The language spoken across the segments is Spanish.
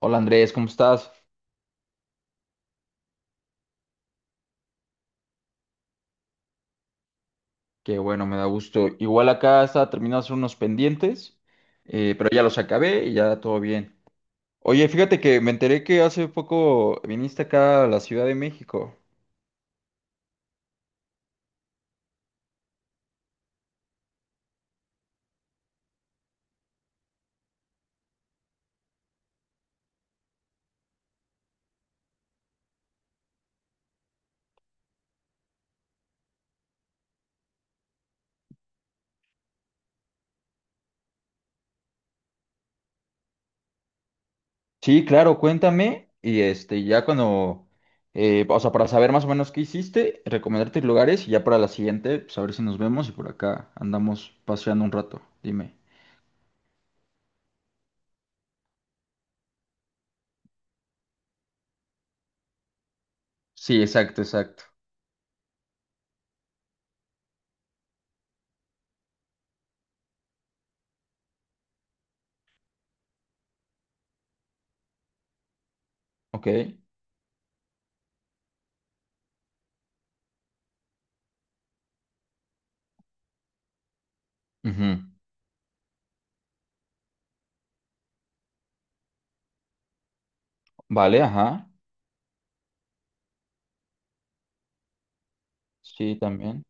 Hola Andrés, ¿cómo estás? Qué bueno, me da gusto. Igual acá estaba terminando de hacer unos pendientes, pero ya los acabé y ya todo bien. Oye, fíjate que me enteré que hace poco viniste acá a la Ciudad de México. Sí, claro, cuéntame. Y este, ya cuando, o sea, para saber más o menos qué hiciste, recomendarte lugares y ya para la siguiente, pues a ver si nos vemos y por acá andamos paseando un rato. Dime. Sí, exacto, exacto. Ok. Ujú. Vale, ajá. Sí, también.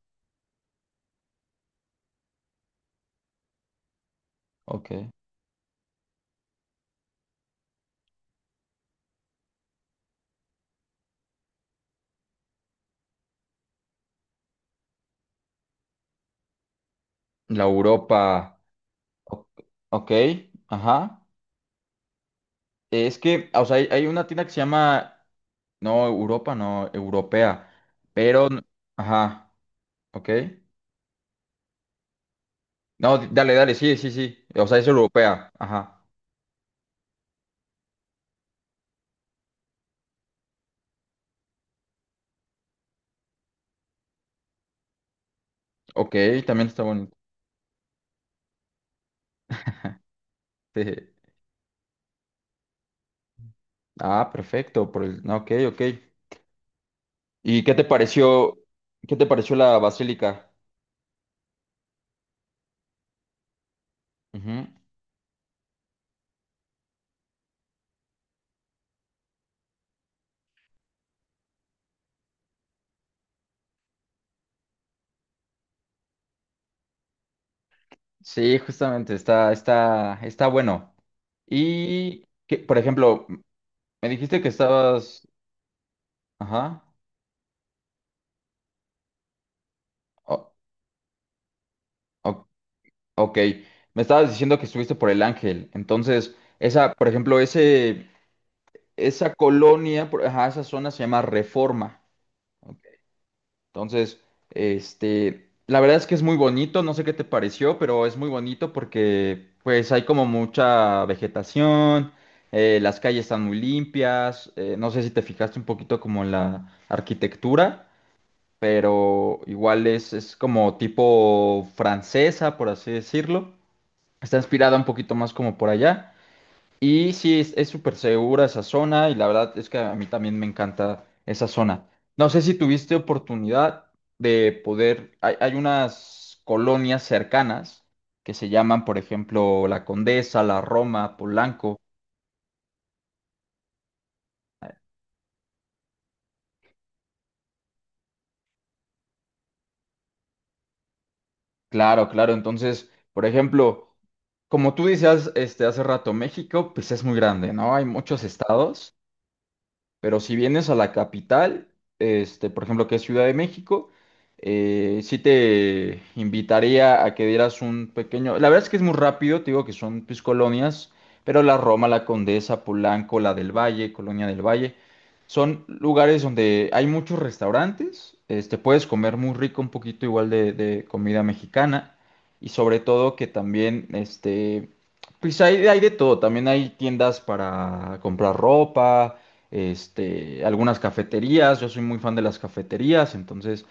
Ok. La Europa. o- Ok, ajá. Es que, o sea, hay una tienda que se llama, no, Europa, no, Europea, pero, ajá, ok. No, dale, dale, sí, sí, sí. O sea, es europea, ajá. Ok, también está bonito. Jeje. Ah, perfecto, por el, no, ok, ok. ¿Y qué te pareció la basílica? Ujú. Sí, justamente, está, está, está bueno. Y, que, por ejemplo, me dijiste que estabas, ajá. O- o- ok, me estabas diciendo que estuviste por El Ángel, entonces, esa, por ejemplo, ese, esa colonia, ajá, esa zona se llama Reforma. Ok. Entonces, este, la verdad es que es muy bonito, no sé qué te pareció, pero es muy bonito porque, pues, hay como mucha vegetación, las calles están muy limpias, no sé si te fijaste un poquito como en la arquitectura, pero igual es como tipo francesa, por así decirlo. Está inspirada un poquito más como por allá. Y sí, es súper segura esa zona y la verdad es que a mí también me encanta esa zona. No sé si tuviste oportunidad de poder, hay unas colonias cercanas que se llaman, por ejemplo, La Condesa, La Roma, Polanco. Claro, claro. Entonces, por ejemplo, como tú decías este, hace rato, México, pues es muy grande, ¿no? Hay muchos estados. Pero si vienes a la capital, este, por ejemplo, que es Ciudad de México, sí te invitaría a que dieras un pequeño. La verdad es que es muy rápido, te digo que son pues, colonias, pero la Roma, la Condesa, Polanco, la del Valle, Colonia del Valle, son lugares donde hay muchos restaurantes, este, puedes comer muy rico, un poquito igual de comida mexicana, y sobre todo que también, este, pues hay de todo, también hay tiendas para comprar ropa este, algunas cafeterías, yo soy muy fan de las cafeterías, entonces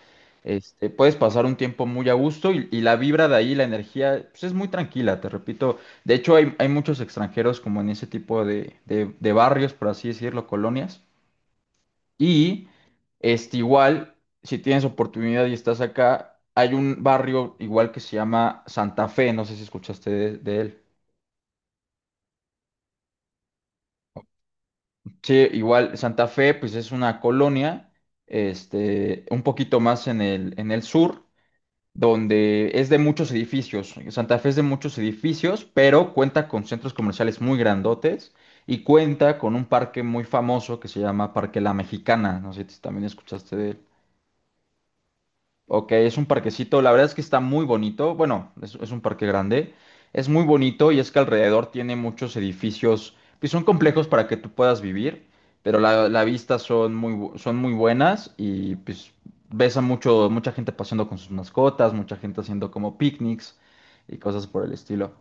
este, puedes pasar un tiempo muy a gusto y la vibra de ahí, la energía, pues es muy tranquila, te repito, de hecho hay, hay muchos extranjeros como en ese tipo de barrios, por así decirlo, colonias, y este, igual, si tienes oportunidad y estás acá, hay un barrio igual que se llama Santa Fe, no sé si escuchaste de él. Sí, igual Santa Fe, pues es una colonia, este, un poquito más en el sur, donde es de muchos edificios. Santa Fe es de muchos edificios, pero cuenta con centros comerciales muy grandotes y cuenta con un parque muy famoso que se llama Parque La Mexicana. No sé si también escuchaste de él. Ok, es un parquecito, la verdad es que está muy bonito, bueno, es un parque grande, es muy bonito y es que alrededor tiene muchos edificios, pues son complejos para que tú puedas vivir, pero la vista son muy, son muy buenas y pues ves a mucho, mucha gente paseando con sus mascotas, mucha gente haciendo como picnics y cosas por el estilo.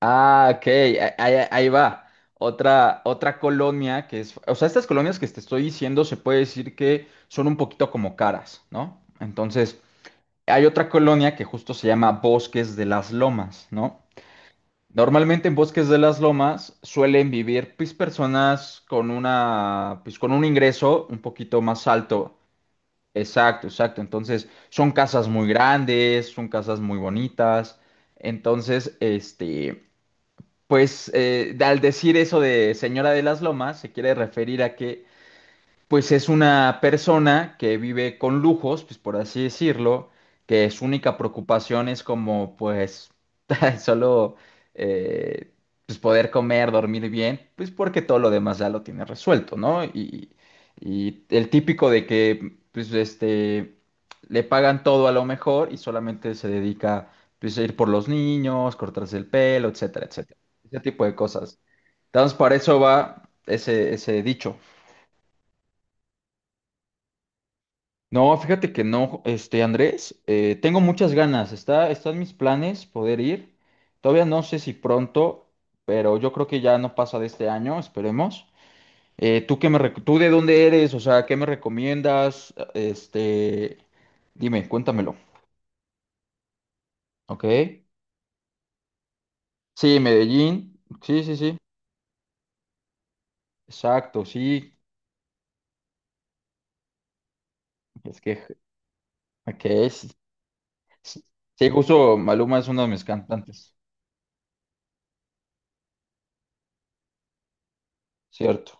Ah, ok, ahí, ahí va. Otra, otra colonia que es, o sea, estas colonias que te estoy diciendo se puede decir que son un poquito como caras, ¿no? Entonces... Hay otra colonia que justo se llama Bosques de las Lomas, ¿no? Normalmente en Bosques de las Lomas suelen vivir pues, personas con una, pues, con un ingreso un poquito más alto. Exacto, exacto. Entonces son casas muy grandes, son casas muy bonitas. Entonces, este, pues al decir eso de Señora de las Lomas, se quiere referir a que pues es una persona que vive con lujos, pues por así decirlo, que su única preocupación es como, pues, solo eh, pues poder comer, dormir bien, pues porque todo lo demás ya lo tiene resuelto, ¿no? Y el típico de que, pues, este, le pagan todo a lo mejor y solamente se dedica, pues, a ir por los niños, cortarse el pelo, etcétera, etcétera. Ese tipo de cosas. Entonces, para eso va ese, ese dicho. No, fíjate que no, este Andrés, tengo muchas ganas, está, están mis planes poder ir. Todavía no sé si pronto, pero yo creo que ya no pasa de este año, esperemos. ¿Tú qué me, tú de dónde eres? O sea, ¿qué me recomiendas? Este, dime, cuéntamelo. ¿Ok? Sí, Medellín. Sí, sí, sí. Exacto, sí. Es que es, sí, sí, justo Maluma es uno de mis cantantes. Cierto.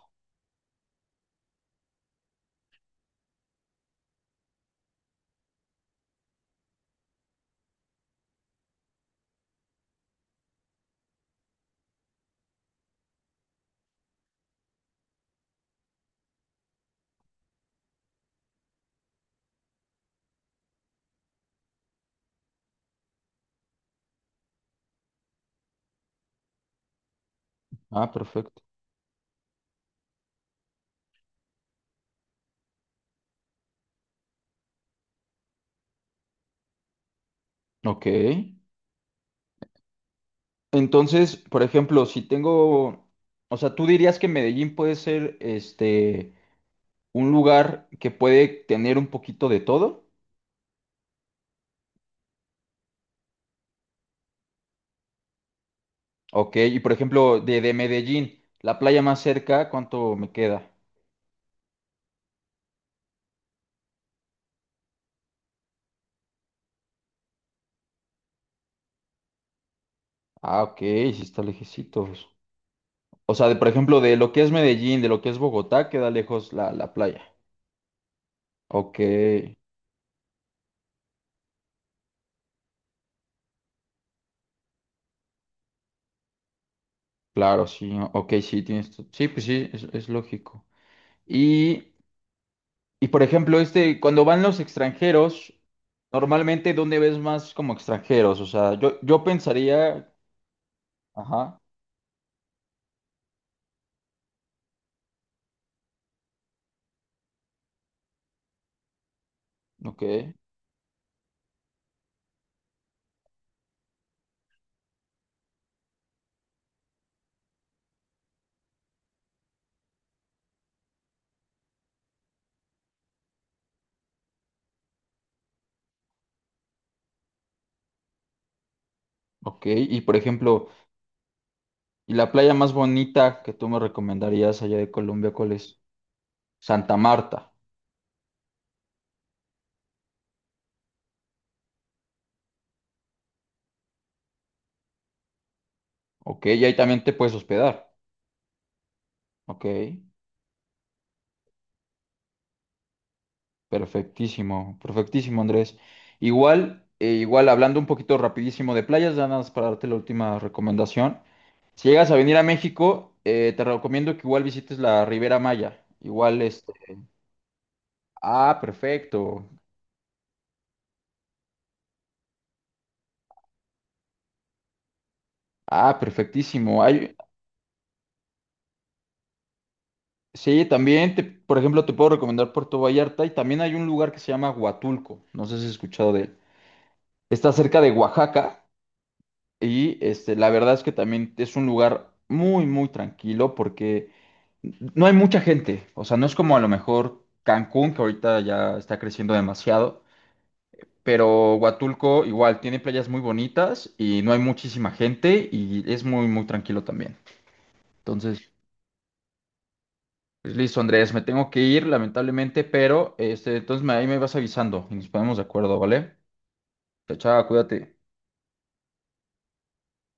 Ah, perfecto. Ok. Entonces, por ejemplo, si tengo, o sea, tú dirías que Medellín puede ser este un lugar que puede tener un poquito de todo. Ok, y por ejemplo, de Medellín, la playa más cerca, ¿cuánto me queda? Ah, ok, sí está lejecitos. O sea, de, por ejemplo, de lo que es Medellín, de lo que es Bogotá, queda lejos la, la playa. Ok, claro, sí, ok, sí, tienes, sí, pues sí, es lógico. Y y por ejemplo, este, cuando van los extranjeros, normalmente, ¿dónde ves más como extranjeros? O sea, yo pensaría, ajá, ok, ok. Y por ejemplo, ¿y la playa más bonita que tú me recomendarías allá de Colombia, cuál es? Santa Marta, ok, y ahí también te puedes hospedar, ok, perfectísimo, perfectísimo, Andrés. Igual, igual, hablando un poquito rapidísimo de playas, ya nada más para darte la última recomendación. Si llegas a venir a México, te recomiendo que igual visites la Ribera Maya. Igual, este. Ah, perfecto. Ah, perfectísimo. Hay, sí, también, te, por ejemplo, te puedo recomendar Puerto Vallarta y también hay un lugar que se llama Huatulco. No sé si has escuchado de él. Está cerca de Oaxaca y este, la verdad es que también es un lugar muy, muy tranquilo porque no hay mucha gente. O sea, no es como a lo mejor Cancún, que ahorita ya está creciendo demasiado. Pero Huatulco igual tiene playas muy bonitas y no hay muchísima gente y es muy, muy tranquilo también. Entonces, pues listo, Andrés, me tengo que ir, lamentablemente, pero este, entonces ahí me vas avisando y nos ponemos de acuerdo, ¿vale? Chao, chao, cuídate.